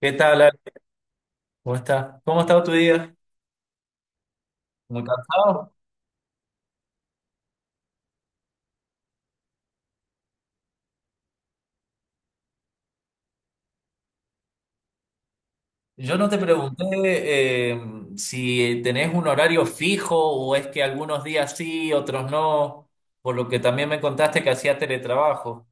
¿Qué tal, Ale? ¿Cómo estás? ¿Cómo ha estado tu día? ¿Muy cansado? Yo no te pregunté, eh, si tenés un horario fijo o es que algunos días sí, otros no, por lo que también me contaste que hacías teletrabajo.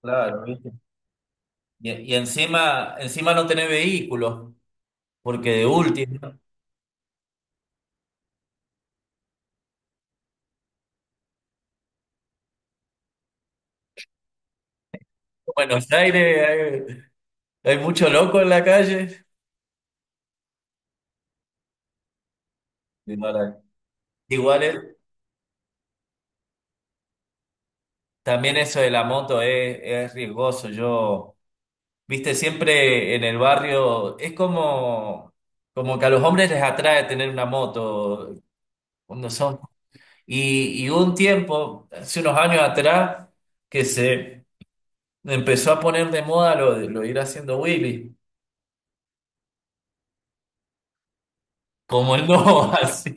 Claro, ¿viste? Y encima, encima no tenés vehículo, porque de último, en Buenos Aires hay, hay mucho loco en la calle. Igual, también eso de la moto es riesgoso. Yo. Viste, siempre en el barrio es como, como que a los hombres les atrae tener una moto cuando son. Y hubo un tiempo, hace unos años atrás, que se empezó a poner de moda lo de ir haciendo Willy, como el no, así.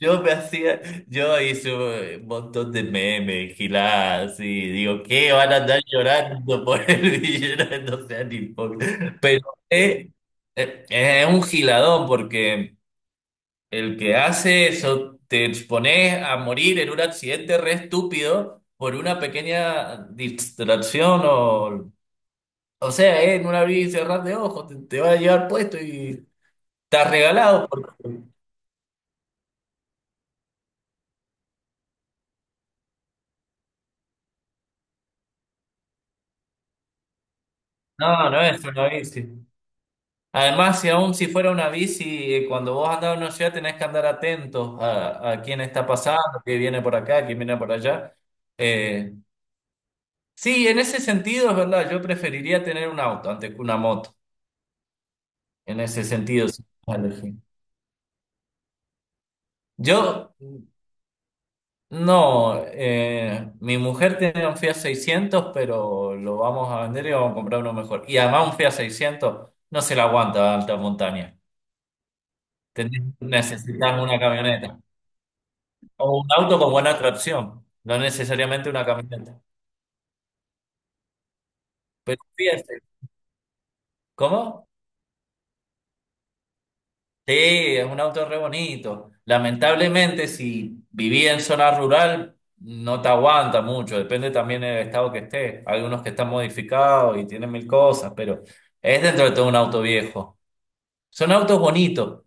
Yo me hacía, yo hice un montón de memes, giladas, y digo, ¿qué? Van a andar llorando por el villano, no sean hipócritas. Pero es un giladón, porque el que hace eso, te expones a morir en un accidente re estúpido por una pequeña distracción o sea, en un abrir y cerrar de ojos, te va a llevar puesto y estás regalado. No, no es una bici. Además, si aún si fuera una bici, cuando vos andás en una ciudad tenés que andar atentos a quién está pasando, quién viene por acá, quién viene por allá. Eh, sí, en ese sentido es verdad, yo preferiría tener un auto antes que una moto, en ese sentido. Si me elegí. Yo, no, mi mujer tiene un Fiat 600, pero lo vamos a vender y vamos a comprar uno mejor. Y además un Fiat 600 no se la aguanta a alta montaña. Necesitamos una camioneta. O un auto con buena tracción, no necesariamente una camioneta. Pero fíjate, ¿cómo? Sí, es un auto re bonito. Lamentablemente, si viví en zona rural, no te aguanta mucho. Depende también del estado que estés. Hay unos que están modificados y tienen mil cosas, pero es dentro de todo un auto viejo. Son autos bonitos,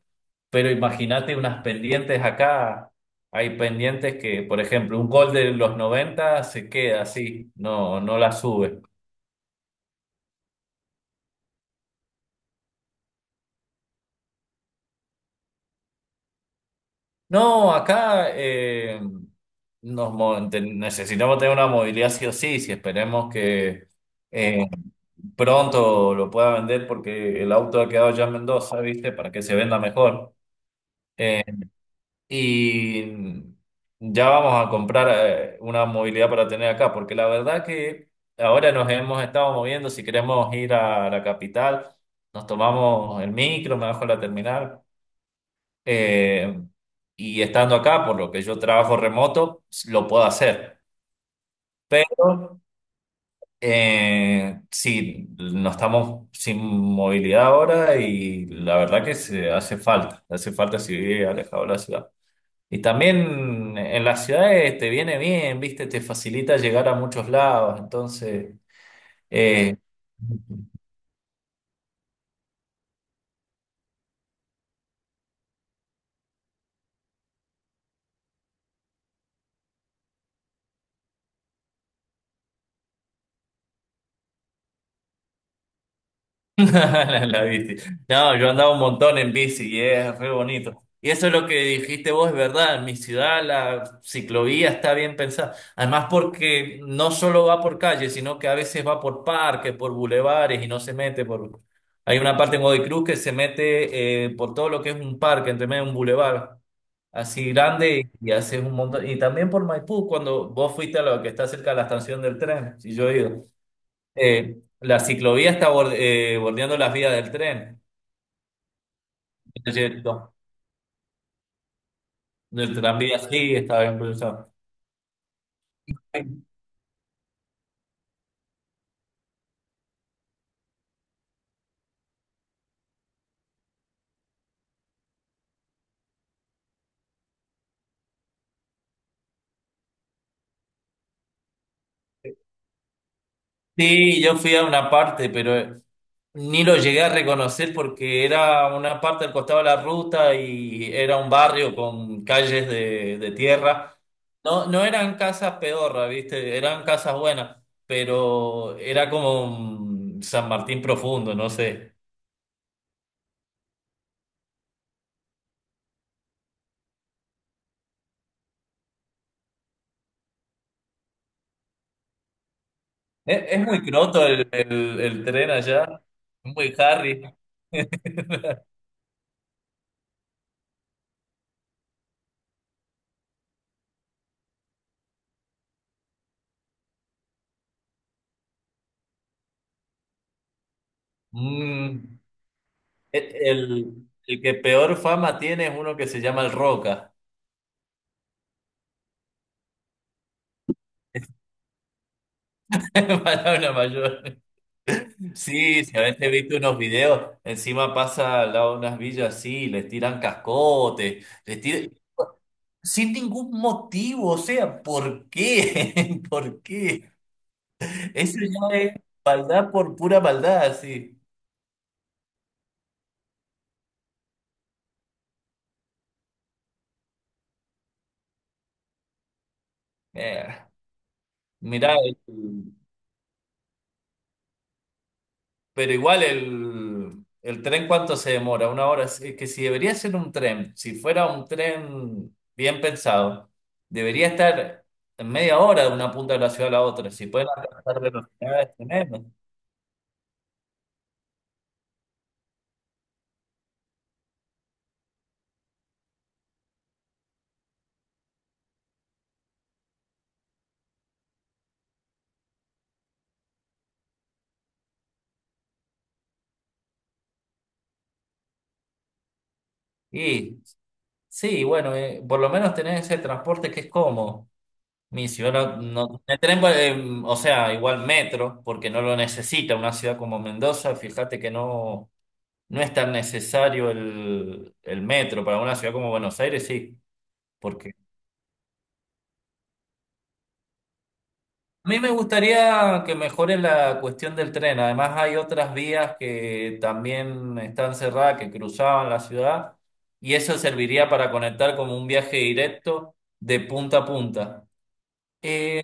pero imagínate unas pendientes acá. Hay pendientes que, por ejemplo, un gol de los 90 se queda así, no, no la sube. No, acá necesitamos tener una movilidad sí o sí, si esperemos que eh, pronto lo pueda vender porque el auto ha quedado ya en Mendoza, ¿viste? Para que se venda mejor. Eh, y ya vamos a comprar, una movilidad para tener acá, porque la verdad que ahora nos hemos estado moviendo, si queremos ir a la capital, nos tomamos el micro, me bajo a la terminal, eh, y estando acá, por lo que yo trabajo remoto, lo puedo hacer. Pero sí, no estamos sin movilidad ahora y la verdad que se hace falta si vive alejado de la ciudad. Y también en las ciudades te viene bien, viste, te facilita llegar a muchos lados, entonces eh, la viste. No, yo andaba un montón en bici y es re bonito. Y eso es lo que dijiste vos, es verdad. En mi ciudad la ciclovía está bien pensada. Además, porque no solo va por calles, sino que a veces va por parques, por bulevares y no se mete por. Hay una parte en Godoy Cruz que se mete, por todo lo que es un parque, entre medio de un bulevar así grande y haces un montón. Y también por Maipú, cuando vos fuiste a lo que está cerca de la estación del tren, si yo he ido. La ciclovía está bordeando las vías del tren. Entonces, no, del tranvía sí, estaba incluso. Sí, yo fui a una parte, pero ni lo llegué a reconocer porque era una parte al costado de la ruta y era un barrio con calles de tierra. No, no eran casas pedorras, ¿viste? Eran casas buenas, pero era como un San Martín profundo, no sé. Es muy croto el tren allá, muy Harry. Mm, el, el que peor fama tiene es uno que se llama el Roca. Palabra mayor. Sí, si a veces he visto unos videos, encima pasa al lado de unas villas así, les tiran cascotes, les tiran... Sin ningún motivo, o sea, ¿por qué? ¿Por qué? Eso ya es maldad por pura maldad, sí. Eh, mirá, pero igual el tren, ¿cuánto se demora? Una hora. Es que si debería ser un tren, si fuera un tren bien pensado, debería estar en media hora de una punta de la ciudad a la otra. Si pueden alcanzar velocidades, tenemos. Y sí, bueno, por lo menos tener ese transporte que es cómodo. Mi ciudad no, no tiene tren, pues, o sea, igual metro, porque no lo necesita una ciudad como Mendoza. Fíjate que no, no es tan necesario el metro. Para una ciudad como Buenos Aires, sí. Porque a mí me gustaría que mejore la cuestión del tren. Además, hay otras vías que también están cerradas, que cruzaban la ciudad, y eso serviría para conectar como un viaje directo de punta a punta. Eh,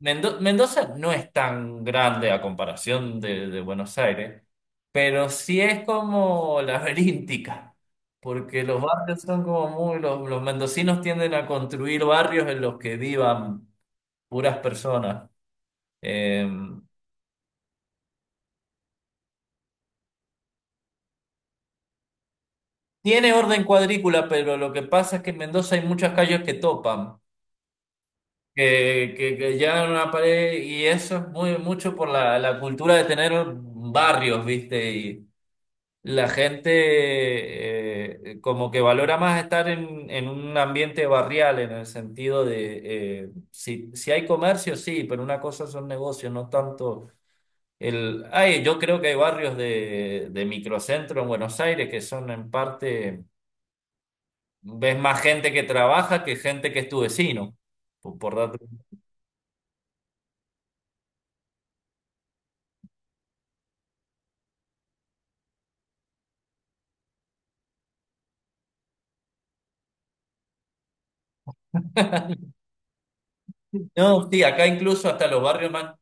Mendoza no es tan grande a comparación de Buenos Aires, pero sí es como laberíntica, porque los barrios son como muy, los mendocinos tienden a construir barrios en los que vivan puras personas. Eh, tiene orden cuadrícula, pero lo que pasa es que en Mendoza hay muchas calles que topan, que llegan a una pared y eso es muy mucho por la, la cultura de tener barrios, ¿viste? Y la gente como que valora más estar en un ambiente barrial, en el sentido de, si, si hay comercio, sí, pero una cosa son negocios, no tanto... El, ay, yo creo que hay barrios de microcentro en Buenos Aires que son en parte. Ves más gente que trabaja que gente que es tu vecino. Por, por darte- No, sí, acá incluso hasta los barrios más,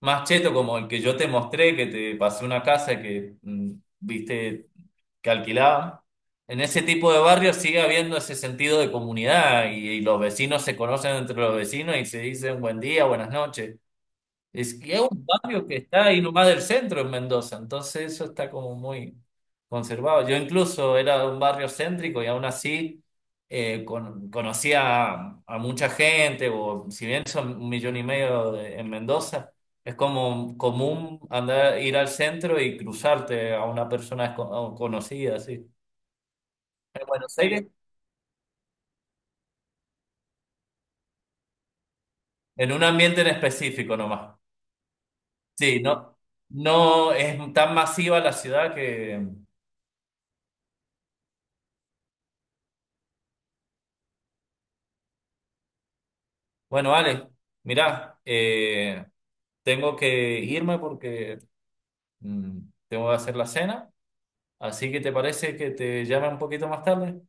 más chetos, como el que yo te mostré, que te pasé una casa que mm, viste que alquilaban. En ese tipo de barrios sigue habiendo ese sentido de comunidad y los vecinos se conocen entre los vecinos y se dicen buen día, buenas noches. Es que es un barrio que está ahí nomás del centro en Mendoza, entonces eso está como muy conservado. Yo incluso era de un barrio céntrico y aún así, conocía a mucha gente, o si bien son un millón y medio en Mendoza, es como común andar, ir al centro y cruzarte a una persona a un conocida, así. En Buenos Aires, en un ambiente en específico nomás. Sí, no, no es tan masiva la ciudad que... Bueno, Alex, mirá, tengo que irme porque mm, tengo que hacer la cena, así que ¿te parece que te llame un poquito más tarde?